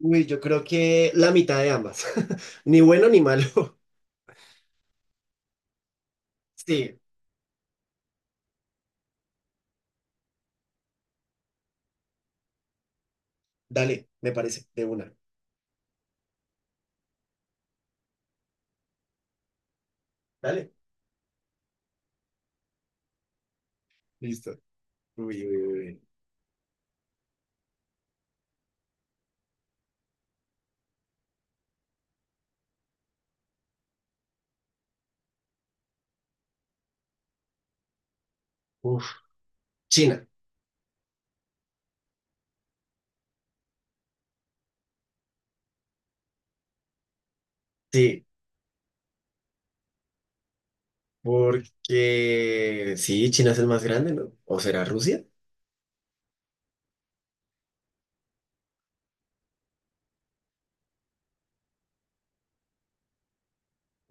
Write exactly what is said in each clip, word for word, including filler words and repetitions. Uy, yo creo que la mitad de ambas. Ni bueno ni malo. Sí, dale, me parece, de una. Dale. Listo. Uy, uy, uy. Uf, China. Sí, porque sí, China es el más grande, ¿no? ¿O será Rusia?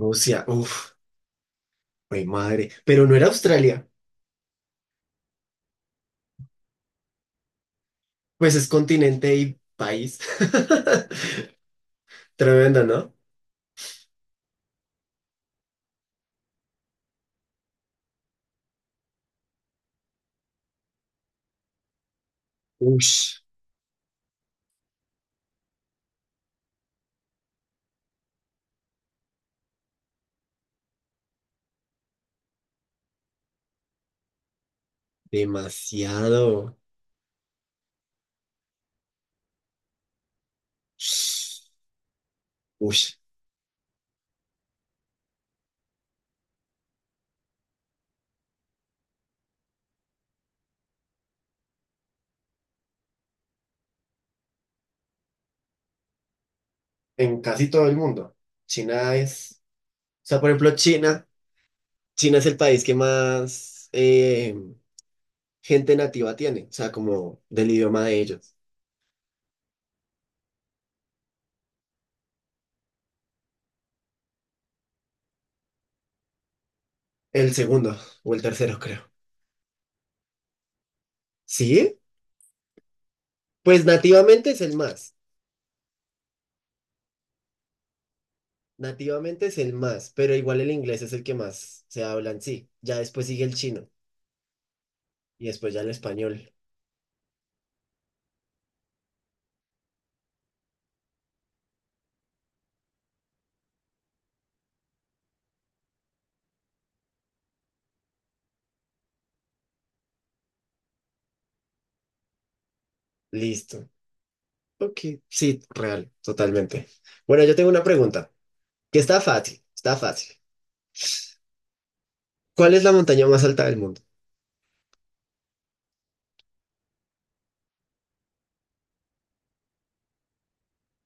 Rusia, uf, mi madre. Pero no era Australia. Pues es continente y país. Tremendo, ¿no? Ush, demasiado. Ush, en casi todo el mundo. China es. O sea, por ejemplo, China. China es el país que más eh, gente nativa tiene, o sea, como del idioma de ellos. El segundo o el tercero, creo. ¿Sí? Pues nativamente es el más. Nativamente es el más, pero igual el inglés es el que más se habla en sí. Ya después sigue el chino y después ya el español. Listo. Ok, sí, real, totalmente. Bueno, yo tengo una pregunta, que está fácil, está fácil. ¿Cuál es la montaña más alta del mundo?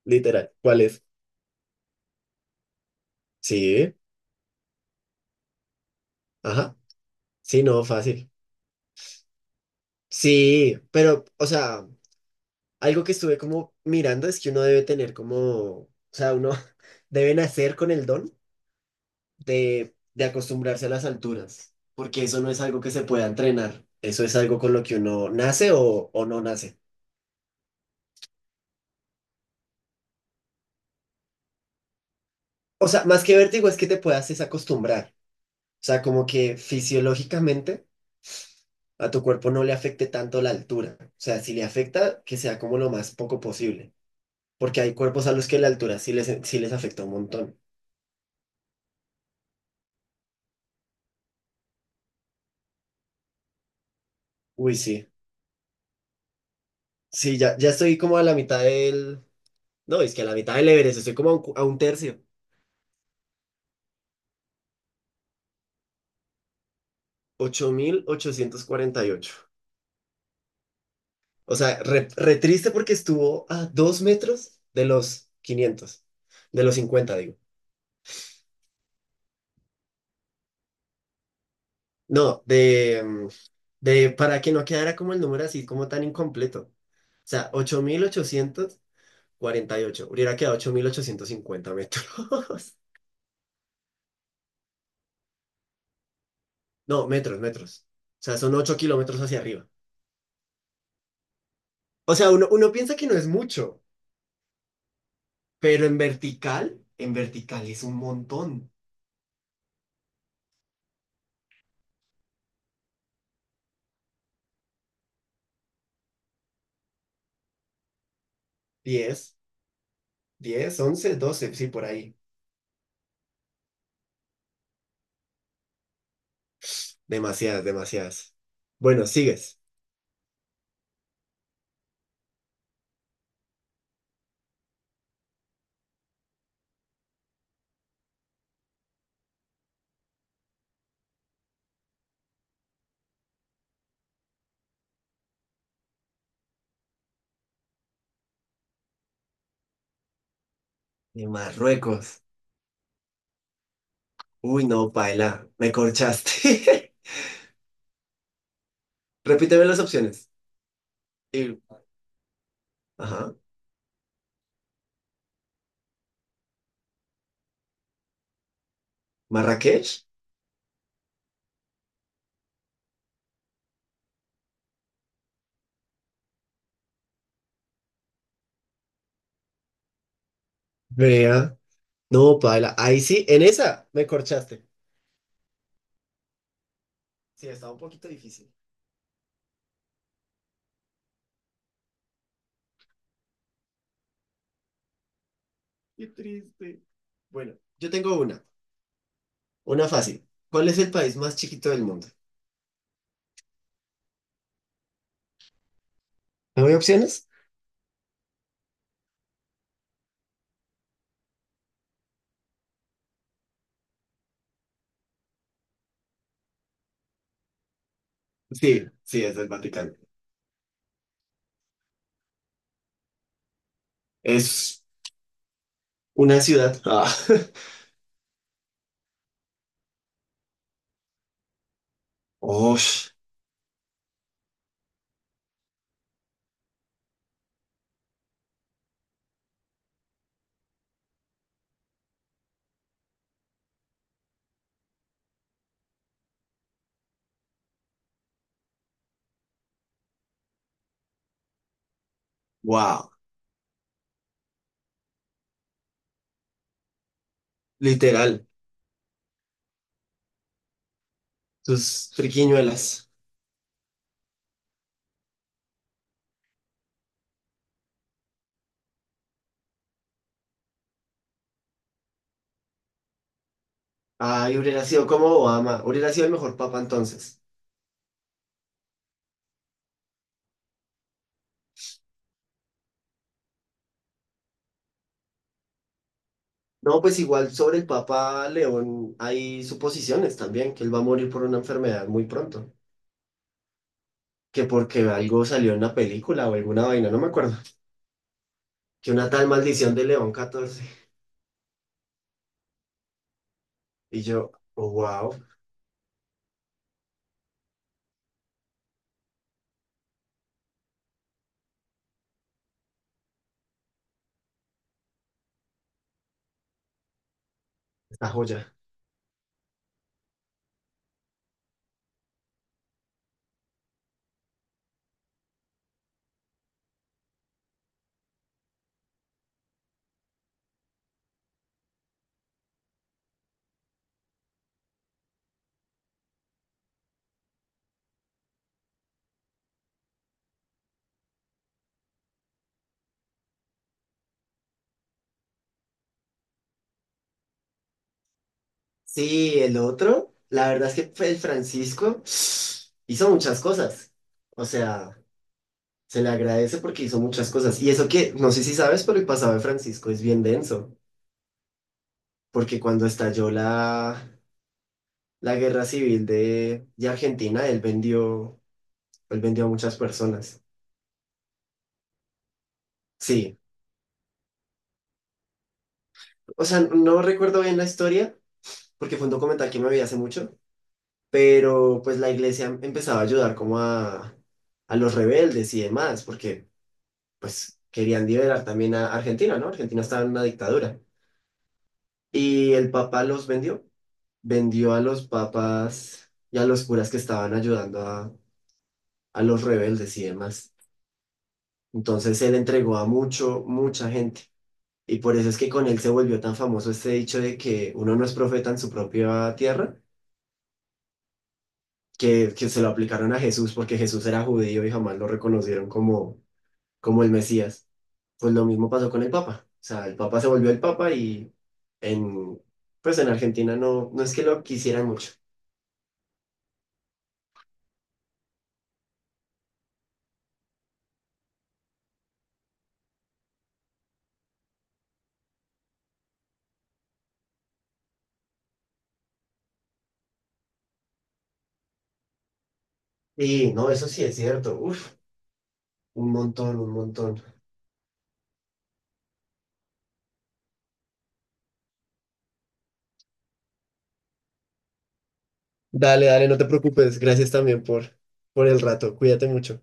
Literal, ¿cuál es? Sí, ajá, sí, no, fácil. Sí, pero, o sea, algo que estuve como mirando es que uno debe tener como, o sea, uno debe nacer con el don de, de acostumbrarse a las alturas, porque eso no es algo que se pueda entrenar, eso es algo con lo que uno nace o, o no nace. O sea, más que vértigo es que te puedas desacostumbrar, o sea, como que fisiológicamente a tu cuerpo no le afecte tanto la altura, o sea, si le afecta, que sea como lo más poco posible, porque hay cuerpos a los que la altura sí les, sí les afecta un montón. Uy, sí. Sí, ya, ya estoy como a la mitad del... No, es que a la mitad del Everest, estoy como a un, cu- a un tercio. Ocho mil ochocientos cuarenta y ocho. O sea, re, re triste porque estuvo a dos metros de los quinientos, de los cincuenta digo. No, de, mm, de, para que no quedara como el número así, como tan incompleto. O sea, ocho mil ochocientos cuarenta y ocho hubiera quedado ocho mil ochocientos cincuenta metros. No, metros, metros. O sea, son ocho kilómetros hacia arriba. O sea, uno, uno piensa que no es mucho. Pero en vertical, en vertical es un montón. Diez, diez, once, doce, sí, por ahí. Demasiadas, demasiadas. Bueno, sigues. De Marruecos. Uy, no, paila, me corchaste. Repíteme las opciones. Y- Ajá. Marrakech. Vea. No, paila, ahí sí, en esa me corchaste. Sí, estaba un poquito difícil. Qué triste. Bueno, yo tengo una, una fácil. ¿Cuál es el país más chiquito del mundo? ¿No hay opciones? Sí, sí, es el Vaticano. Es una ciudad. Ah. Osh, wow. Literal. Sus friquiñuelas. Ay, hubiera sido como Obama. Hubiera sido el mejor papa entonces. No, pues igual sobre el papa León hay suposiciones también, que él va a morir por una enfermedad muy pronto. Que porque algo salió en una película o alguna vaina, no me acuerdo. Que una tal maldición de León catorce. Y yo, wow, esta joya. Sí, el otro, la verdad es que fue el Francisco, hizo muchas cosas. O sea, se le agradece porque hizo muchas cosas. Y eso que, no sé si sabes, pero el pasado de Francisco es bien denso. Porque cuando estalló la, la guerra civil de, de Argentina, él vendió, él vendió a muchas personas. Sí, o sea, no recuerdo bien la historia porque fue un documental que me vi hace mucho, pero pues la iglesia empezaba a ayudar como a, a los rebeldes y demás, porque pues querían liberar también a Argentina, ¿no? Argentina estaba en una dictadura. Y el Papa los vendió, vendió a los papas y a los curas que estaban ayudando a, a los rebeldes y demás. Entonces él entregó a mucho, mucha gente. Y por eso es que con él se volvió tan famoso este dicho de que uno no es profeta en su propia tierra, que, que se lo aplicaron a Jesús porque Jesús era judío y jamás lo reconocieron como, como el Mesías. Pues lo mismo pasó con el Papa. O sea, el Papa se volvió el Papa y en, pues en Argentina no, no es que lo quisieran mucho. Sí, no, eso sí es cierto. Uf, un montón, un montón. Dale, dale, no te preocupes. Gracias también por, por el rato. Cuídate mucho.